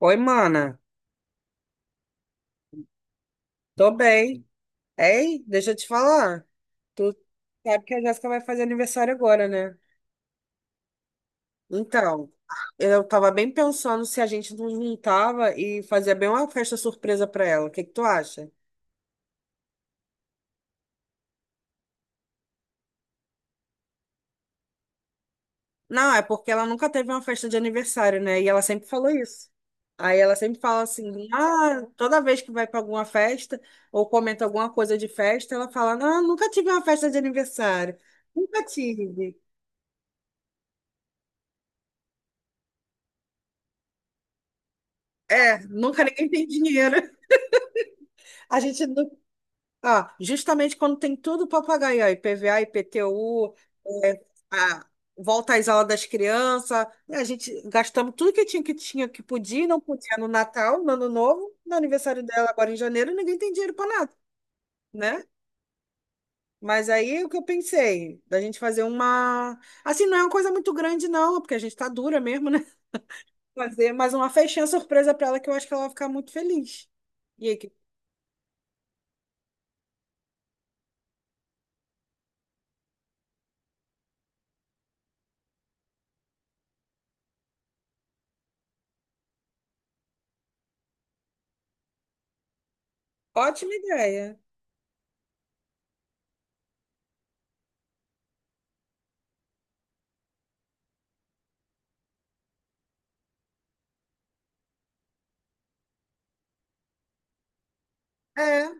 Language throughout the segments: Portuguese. Oi, mana. Tô bem. Ei, deixa eu te falar. Tu sabe que a Jéssica vai fazer aniversário agora, né? Então, eu tava bem pensando se a gente não juntava e fazia bem uma festa surpresa pra ela. O que que tu acha? Não, é porque ela nunca teve uma festa de aniversário, né? E ela sempre falou isso. Aí ela sempre fala assim, ah, toda vez que vai pra alguma festa ou comenta alguma coisa de festa, ela fala, não, nunca tive uma festa de aniversário. Nunca tive. É, nunca ninguém tem dinheiro. A gente não. Ah, justamente quando tem tudo para pagar, aí, ó, IPVA, IPTU, é, a- volta às aulas das crianças, né, a gente gastamos tudo que tinha, que podia e não podia no Natal, no Ano Novo, no aniversário dela agora em janeiro, ninguém tem dinheiro para nada, né? Mas aí o que eu pensei, da gente fazer uma. Assim, não é uma coisa muito grande, não, porque a gente tá dura mesmo, né? Fazer mais uma festinha surpresa para ela que eu acho que ela vai ficar muito feliz. E aí, que ótima ideia. É.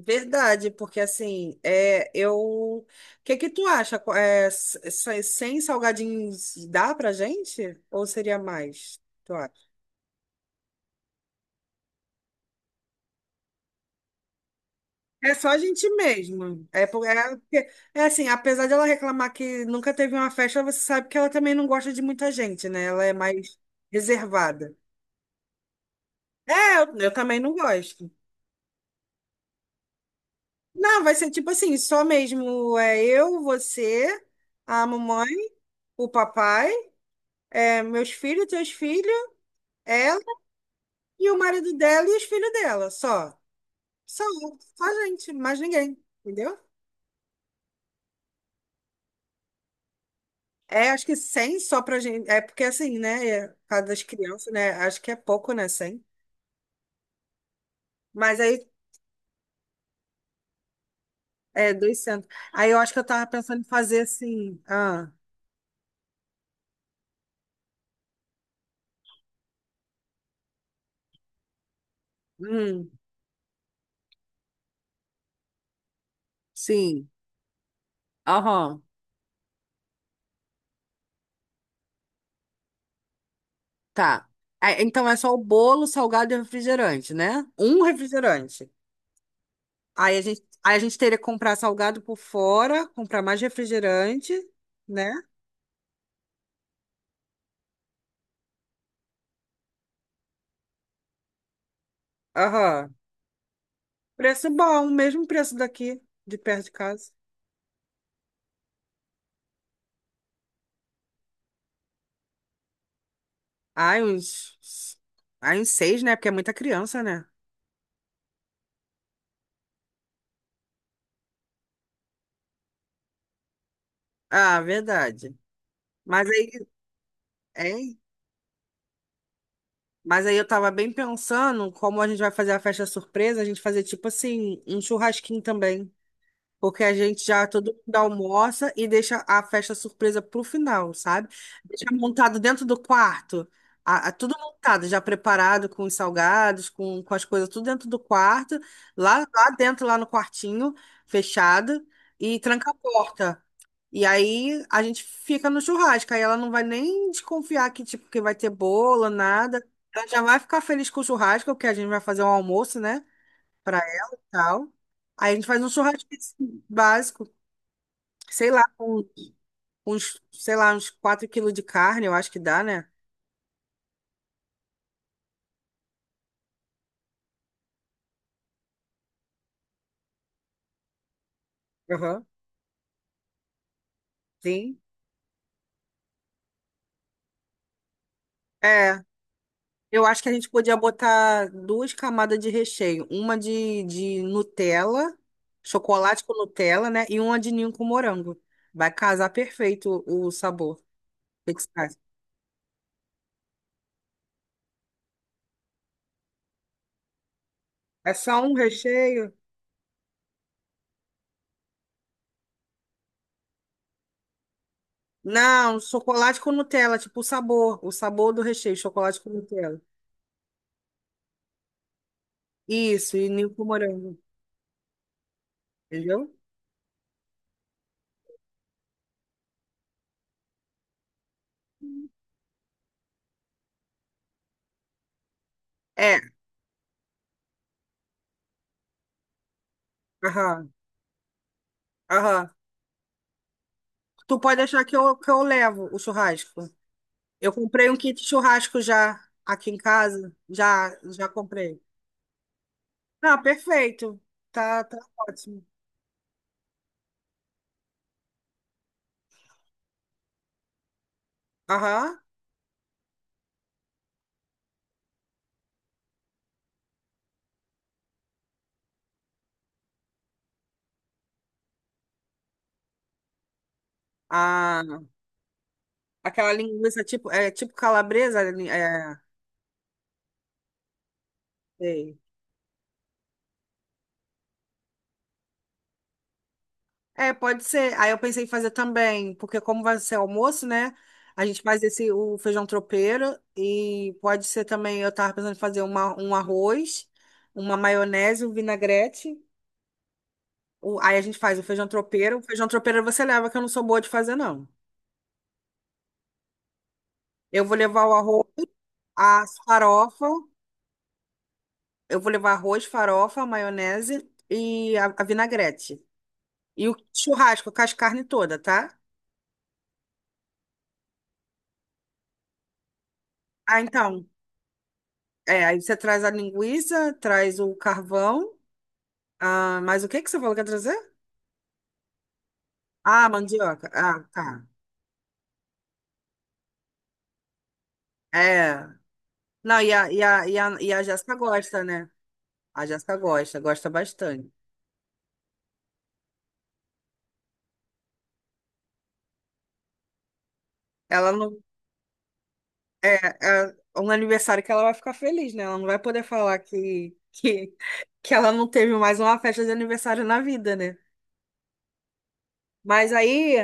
Verdade, porque assim, é, eu, o que que tu acha? É, sem salgadinhos dá pra gente? Ou seria mais? Tu acha? É só a gente mesmo. É, é, é assim, apesar de ela reclamar que nunca teve uma festa, você sabe que ela também não gosta de muita gente, né? Ela é mais reservada. É, eu também não gosto. Não, vai ser tipo assim, só mesmo é eu, você, a mamãe, o papai, é, meus filhos, teus filhos. E o marido dela e os filhos dela, só. Só, só a gente, mais ninguém, entendeu? É, acho que 100 só pra gente. É porque assim, né? É, por causa das crianças, né? Acho que é pouco, né? Cem. Mas aí, é duzentos. Aí eu acho que eu tava pensando em fazer assim. Ah, hum, sim. Aham, tá. Ah, então é só o bolo, salgado e refrigerante, né? Um refrigerante. Aí a gente teria que comprar salgado por fora, comprar mais refrigerante, né? Aham. Preço bom, mesmo preço daqui, de perto de casa. Ai, uns. Ai, uns seis, né? Porque é muita criança, né? Ah, verdade. Mas aí, hein? Mas aí eu tava bem pensando como a gente vai fazer a festa surpresa, a gente fazer tipo assim, um churrasquinho também. Porque a gente já todo mundo almoça e deixa a festa surpresa pro final, sabe? Deixa montado dentro do quarto, tudo montado, já preparado com os salgados, com as coisas, tudo dentro do quarto, lá dentro, lá no quartinho, fechado, e tranca a porta. E aí a gente fica no churrasco, aí ela não vai nem desconfiar que, tipo, que vai ter bolo, nada. Ela já vai ficar feliz com o churrasco, porque a gente vai fazer um almoço, né? Pra ela e tal. Aí a gente faz um churrasquinho assim, básico, sei lá, com uns, sei lá, uns 4 quilos de carne, eu acho que dá, né? Aham. Sim. É, eu acho que a gente podia botar duas camadas de recheio, uma de Nutella, chocolate com Nutella, né? E uma de ninho com morango. Vai casar perfeito o sabor. O que que você acha? É só um recheio? Não, chocolate com Nutella, tipo o sabor do recheio, chocolate com Nutella. Isso, e ninho com morango. Entendeu? É, aham, aham. Tu pode achar que eu levo o churrasco. Eu comprei um kit churrasco já aqui em casa. Já comprei. Ah, perfeito. Tá, tá ótimo. Aham. Ah, aquela linguiça tipo, é, tipo calabresa. É, é, sei. É, pode ser. Aí eu pensei em fazer também, porque como vai ser almoço, né? A gente faz esse o feijão tropeiro e pode ser também, eu tava pensando em fazer uma, um arroz, uma maionese, um vinagrete. Aí a gente faz o feijão tropeiro. O feijão tropeiro você leva, que eu não sou boa de fazer, não. Eu vou levar o arroz, a farofa, eu vou levar arroz, farofa, maionese e a vinagrete. E o churrasco com as carnes todas, tá? Ah, então. É, aí você traz a linguiça, traz o carvão. Ah, mas o que que você falou que ia trazer? Ah, mandioca. Ah, tá. É. Não, e a Jéssica gosta, né? A Jéssica gosta, gosta bastante. Ela não. É, é um aniversário que ela vai ficar feliz, né? Ela não vai poder falar que ela não teve mais uma festa de aniversário na vida, né? Mas aí.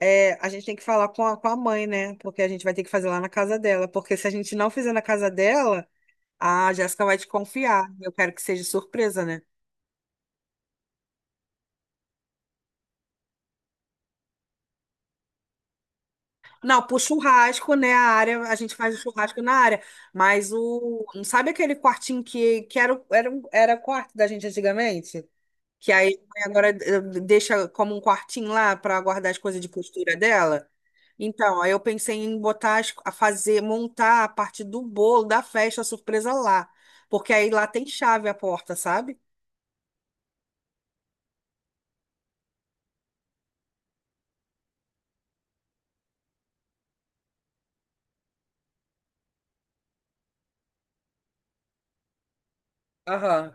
É, a gente tem que falar com a mãe, né? Porque a gente vai ter que fazer lá na casa dela. Porque se a gente não fizer na casa dela. Ah, a Jéssica vai te confiar. Eu quero que seja surpresa, né? Não, pro churrasco, né? A área, a gente faz o churrasco na área. Mas o. Não sabe aquele quartinho que era, era, era quarto da gente antigamente? Que aí agora deixa como um quartinho lá para guardar as coisas de costura dela? Então, aí eu pensei em botar, a fazer, montar a parte do bolo da festa surpresa lá. Porque aí lá tem chave a porta, sabe? Aham.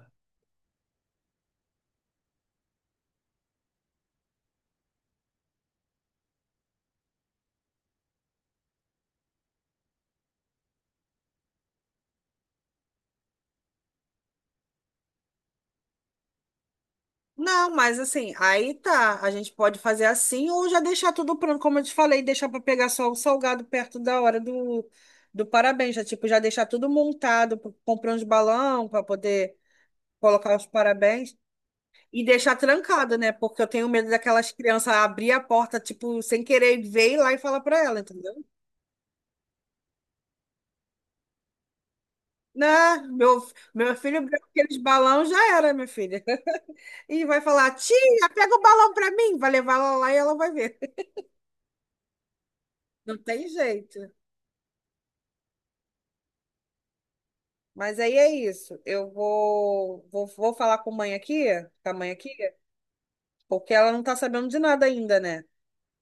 Não, mas assim, aí tá. A gente pode fazer assim ou já deixar tudo pronto, como eu te falei, deixar para pegar só o salgado perto da hora do, do parabéns. Já, tipo, já deixar tudo montado, comprar uns balão para poder colocar os parabéns e deixar trancado, né? Porque eu tenho medo daquelas crianças abrir a porta, tipo, sem querer ver e lá e falar para ela, entendeu? Não, meu filho abriu aqueles balão, já era, minha filha. E vai falar, tia, pega o balão para mim. Vai levar ela lá e ela vai ver. Não tem jeito. Mas aí é isso. Eu vou falar com a mãe aqui, com a mãe aqui, porque ela não tá sabendo de nada ainda, né?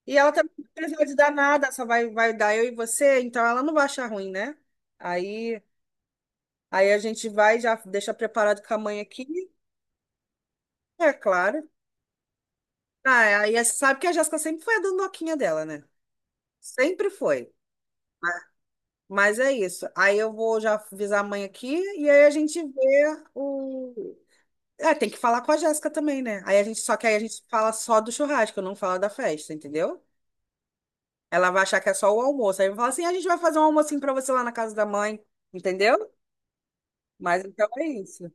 E ela também não precisa de dar nada, só vai, vai dar eu e você, então ela não vai achar ruim, né? Aí, aí a gente vai, já deixa preparado com a mãe aqui, é claro. Ah, é, aí você sabe que a Jéssica sempre foi a dondoquinha dela, né? Sempre foi. Mas é isso. Aí eu vou já avisar a mãe aqui e aí a gente vê o. É, tem que falar com a Jéssica também, né? Aí a gente, só que aí a gente fala só do churrasco, não fala da festa, entendeu? Ela vai achar que é só o almoço. Aí vai falar assim, a gente vai fazer um almocinho pra você lá na casa da mãe, entendeu? Mas então é isso.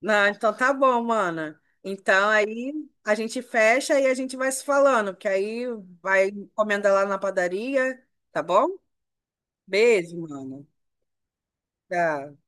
Não, então tá bom, mana. Então aí a gente fecha e a gente vai se falando, porque aí vai encomenda lá na padaria, tá bom? Beijo, mana. Tchau.